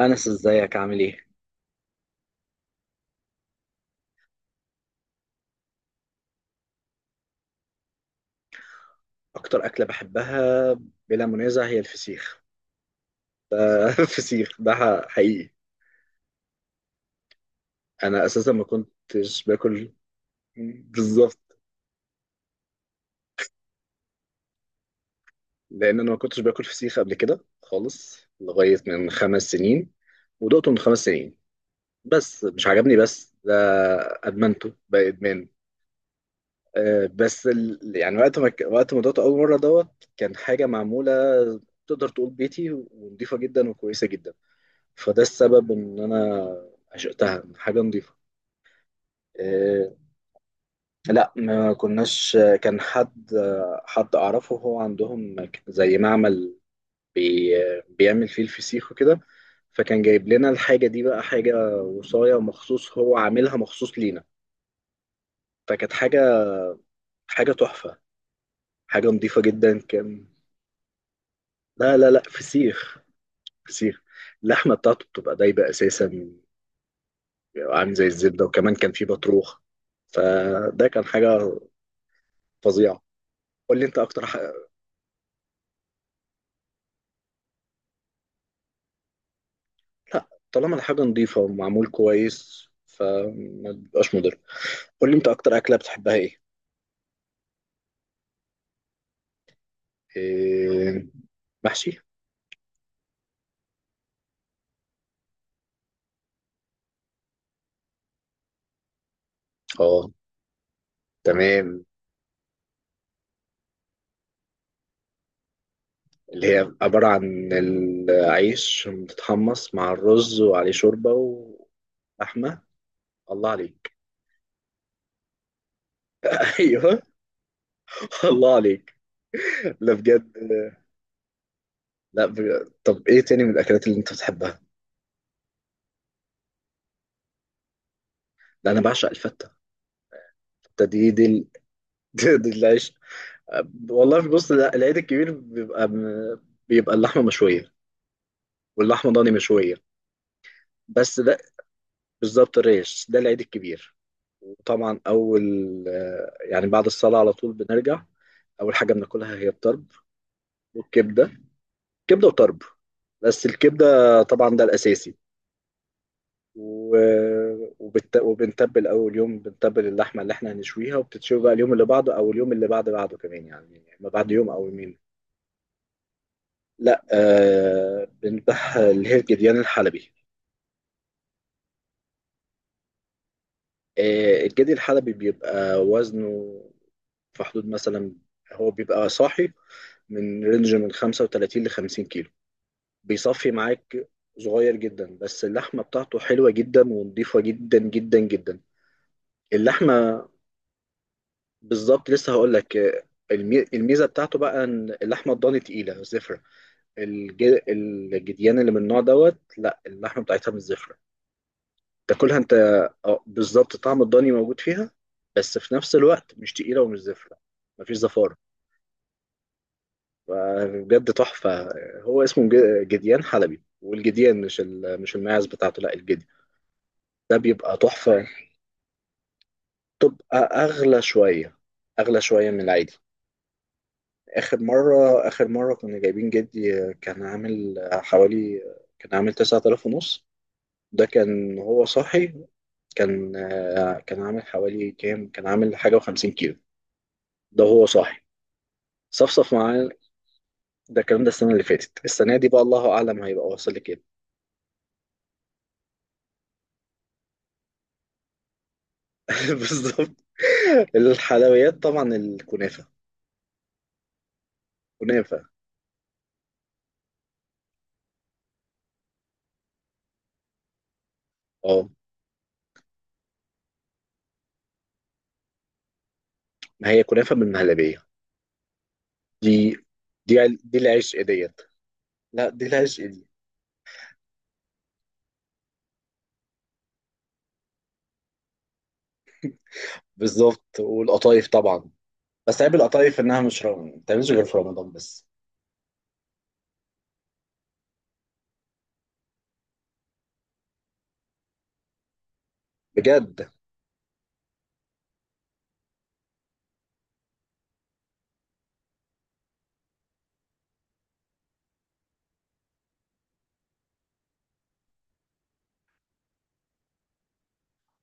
أنس، إزيك؟ عامل إيه؟ أكتر أكلة بحبها بلا منازع هي الفسيخ ده. الفسيخ ده حقيقي. أنا أساسا ما كنتش باكل. بالظبط، لأن أنا ما كنتش باكل فسيخ قبل كده خالص لغاية من خمس سنين. ودقته من خمس سنين، بس مش عجبني، بس ده أدمنته بقى إدمان. بس يعني وقت ما دقته أول مرة دوت كان حاجة معمولة، تقدر تقول بيتي، ونضيفة جدا وكويسة جدا. فده السبب ان انا عشقتها، إن حاجه نظيفه. إيه. لا، ما كناش. كان حد، حد اعرفه هو عندهم زي معمل، بي بيعمل فيه الفسيخ وكده. فكان جايب لنا الحاجه دي بقى، حاجه وصايه مخصوص، هو عاملها مخصوص لينا. فكانت حاجه، حاجه تحفه، حاجه نظيفه جدا كان. لا لا لا، فسيخ. فسيخ. اللحمه بتاعته بتبقى دايبه اساسا، عامل زي الزبده، وكمان كان فيه بطروخ. فده كان حاجه فظيعه. قول لي انت اكتر حاجه. لا، طالما الحاجه نظيفه ومعمول كويس فما بيبقاش مضر. قول لي انت اكتر اكله بتحبها ايه؟ إيه، محشي. اه. تمام. اللي هي عباره عن العيش متتحمص مع الرز وعليه شوربه ولحمه. الله عليك. ايوه. الله عليك. لا بجد. لا بجد. طب ايه تاني من الاكلات اللي انت بتحبها؟ لا، انا بعشق الفته. الفته دي دي العيش. والله بص، لا، العيد الكبير بيبقى، بيبقى اللحمه مشويه، واللحمه ضاني مشويه. بس ده بالظبط، الريش ده العيد الكبير. وطبعا اول، يعني بعد الصلاه على طول بنرجع. اول حاجه بناكلها هي الطرب والكبده. كبده وطرب. بس الكبده طبعا ده الاساسي. و... وبنتبل اول يوم، بنتبل اللحمه اللي احنا هنشويها، وبتتشوي بقى اليوم اللي بعده او اليوم اللي بعد بعده كمان، يعني ما بعد يوم او يومين. لا، بنذبح اللي هي الجديان الحلبي. آه، الجدي الحلبي بيبقى وزنه في حدود مثلا، هو بيبقى صاحي، من رينج من 35 ل 50 كيلو، بيصفي معاك. صغير جدا بس اللحمة بتاعته حلوة جدا ونضيفة جدا جدا جدا. اللحمة بالظبط، لسه هقول لك. الميزة بتاعته بقى ان اللحمة الضاني تقيلة زفرة. الجديان اللي من النوع دوت، لا، اللحمة بتاعتها مش زفرة. تاكلها انت. اه، بالظبط، طعم الضاني موجود فيها، بس في نفس الوقت مش تقيله ومش زفره. مفيش زفاره. فبجد تحفه. هو اسمه جديان حلبي، والجديان مش الماعز بتاعته، لا الجدي. ده بيبقى تحفه. تبقى اغلى شويه، اغلى شويه من العادي. اخر مره كنا جايبين جدي، كان عامل حوالي، كان عامل 9000 ونص. ده كان هو صاحي. كان عامل حوالي كام، كان عامل حاجه و50 كيلو. ده هو صاحي، صفصف معاه. ده الكلام ده السنة اللي فاتت. السنة دي بقى الله أعلم هيبقى واصل لكام. بالظبط. الحلويات طبعا الكنافة. كنافة. اه، ما هي كنافة بالمهلبية. دي دي العشق ديت. لا، دي العشق دي. بالظبط، والقطايف طبعا. بس عيب القطايف انها مش ما بتعملش غير في رمضان بس. بجد.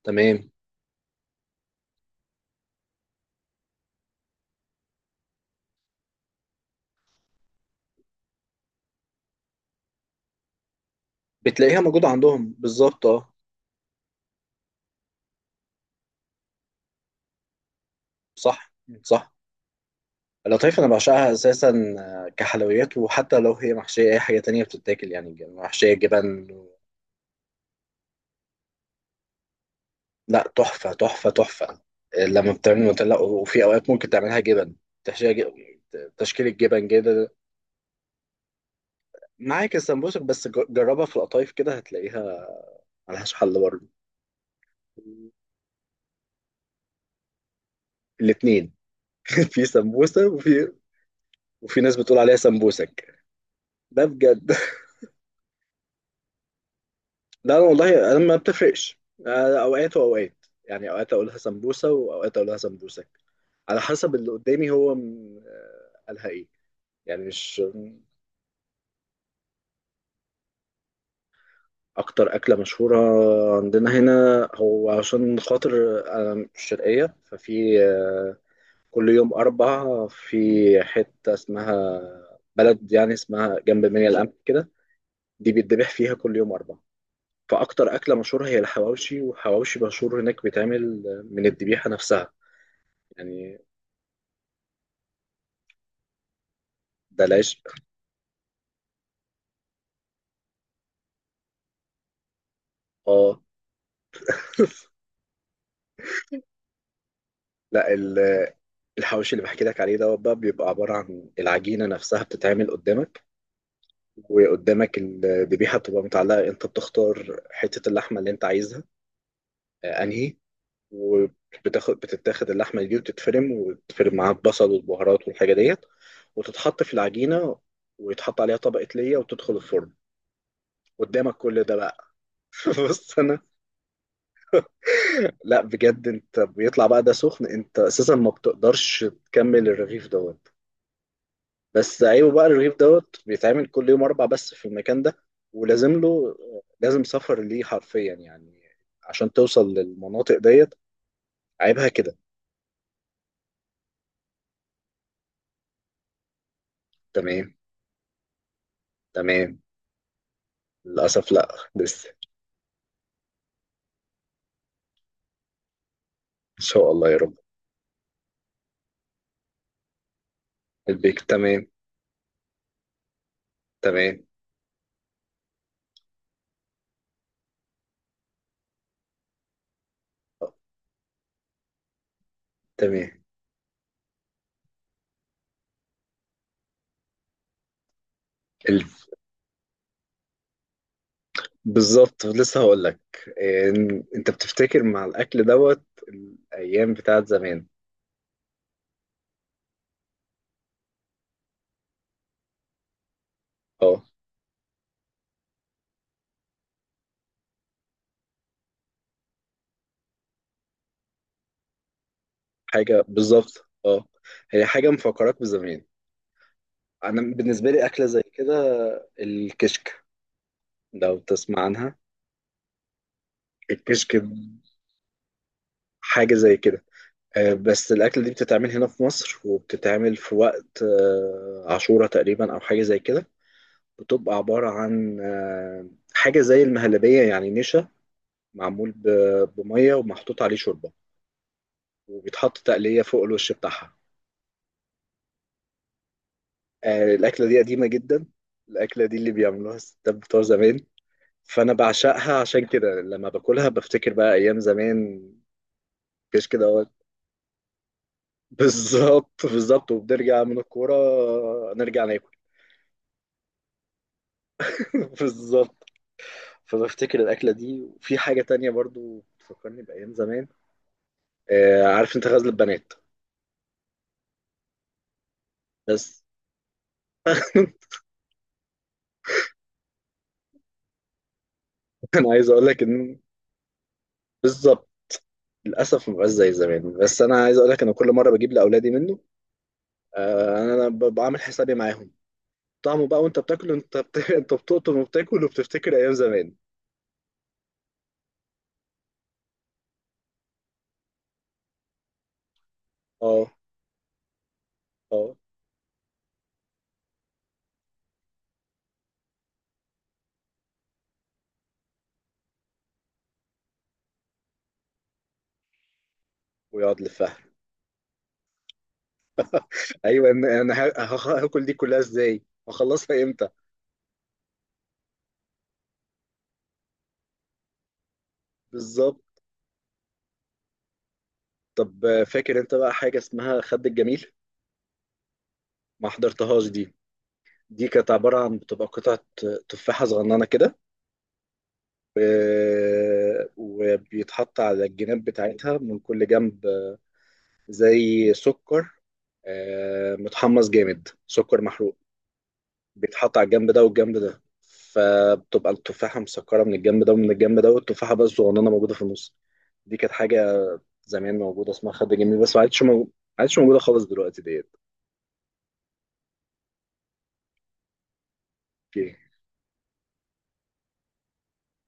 تمام. بتلاقيها موجودة عندهم بالظبط. اه. صح، صح. القطايف انا بعشقها اساسا. كحلويات، وحتى لو هي محشيه اي حاجه تانية بتتاكل، يعني محشيه جبن. لا، تحفه تحفه تحفه. آه، لما بتعمل نوتيلا، وفي اوقات ممكن تعملها جبن، تحشيها، تشكيل الجبن كده. معاك السمبوسك، بس جربها في القطايف كده هتلاقيها، ملهاش حل برضه. الاتنين. في سمبوسه، وفي، وفي ناس بتقول عليها سمبوسك. ده بجد. لا، انا والله، ما بتفرقش. أنا اوقات واوقات، يعني اوقات اقولها سمبوسه واوقات اقولها سمبوسك، على حسب اللي قدامي هو قالها ايه. يعني مش اكتر اكله مشهوره. عندنا هنا، هو عشان خاطر انا مش شرقيه ففي، كل يوم اربع، في حته اسمها بلد، يعني اسمها جنب منيا القمح كده، دي بيتذبح فيها كل يوم اربع. فاكتر اكله مشهوره هي الحواوشي، والحواوشي مشهور هناك بيتعمل من الذبيحه نفسها. يعني ده العشق. اه. لا، الحواوشي اللي بحكي لك عليه دوت بقى بيبقى عبارة عن العجينة نفسها بتتعمل قدامك، وقدامك الذبيحة بتبقى متعلقة، انت بتختار حتة اللحمة اللي انت عايزها، انهي. بتتاخد اللحمة دي وتتفرم، وتتفرم معاها البصل والبهارات والحاجة ديت، وتتحط في العجينة، ويتحط عليها طبقة ليا، وتدخل الفرن قدامك كل ده بقى. بص انا، لا بجد، انت بيطلع بقى ده سخن، انت اساسا ما بتقدرش تكمل الرغيف دوت. بس عيبه بقى الرغيف دوت بيتعمل كل يوم اربع بس في المكان ده، ولازم له، لازم سفر ليه حرفيا، يعني عشان توصل للمناطق ديت. عيبها كده. تمام. تمام. للاسف لا. لسه. ان شاء الله يا رب. البيك. تمام. تمام. تمام. ال- بالظبط لسه هقول لك، انت بتفتكر مع الاكل دوت الايام بتاعت زمان. آه. حاجة بالظبط. اه. هي حاجة مفكراك بزمان. أنا بالنسبة لي أكلة زي كده، الكشك، لو تسمع عنها. الكشك حاجة زي كده. بس الأكلة دي بتتعمل هنا في مصر، وبتتعمل في وقت عاشورة تقريبا أو حاجة زي كده. بتبقى عبارة عن حاجة زي المهلبية، يعني نشا معمول بمية، ومحطوط عليه شوربة، وبيتحط تقلية فوق الوش بتاعها. آه، الأكلة دي قديمة جدا. الأكلة دي اللي بيعملوها الستات بتوع زمان. فانا بعشقها عشان كده لما باكلها بفتكر بقى ايام زمان. مفيش كده أهوت. بالظبط بالظبط، وبنرجع من الكوره نرجع ناكل. بالظبط. فبفتكر الاكله دي، وفي حاجه تانية برضو بتفكرني بايام زمان. آه عارف انت غزل البنات. بس. انا عايز اقول لك ان، بالظبط، للاسف ما بقاش زي زمان، بس انا عايز اقول لك انا كل مره بجيب لاولادي منه. آه، انا بعمل حسابي معاهم. طعمه بقى وانت بتاكله، انت انت بتقطم وبتاكل، وبتفتكر ايام زمان. اه. اه. ويقعد لفها. ايوه، انا هاكل دي كلها ازاي، هخلصها امتى. بالظبط. طب فاكر انت بقى حاجه اسمها خد الجميل؟ ما حضرتهاش دي. دي كانت عباره عن بتبقى قطعه تفاحه صغننه كده، آه، وبيتحط على الجناب بتاعتها من كل جنب، آه، زي سكر، آه، متحمص جامد، سكر محروق، بيتحط على الجنب ده والجنب ده، فبتبقى التفاحة مسكرة من الجنب ده ومن الجنب ده، والتفاحة بس صغننة موجودة في النص. دي كانت حاجة زمان موجودة اسمها خد جنبي، بس ما عادش ما عادش موجودة خالص دلوقتي ديت. اوكي.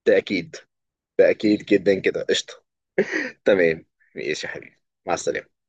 ده أكيد. ده أكيد جدا كده. قشطة. تمام. ماشي يا حبيبي. مع السلامة.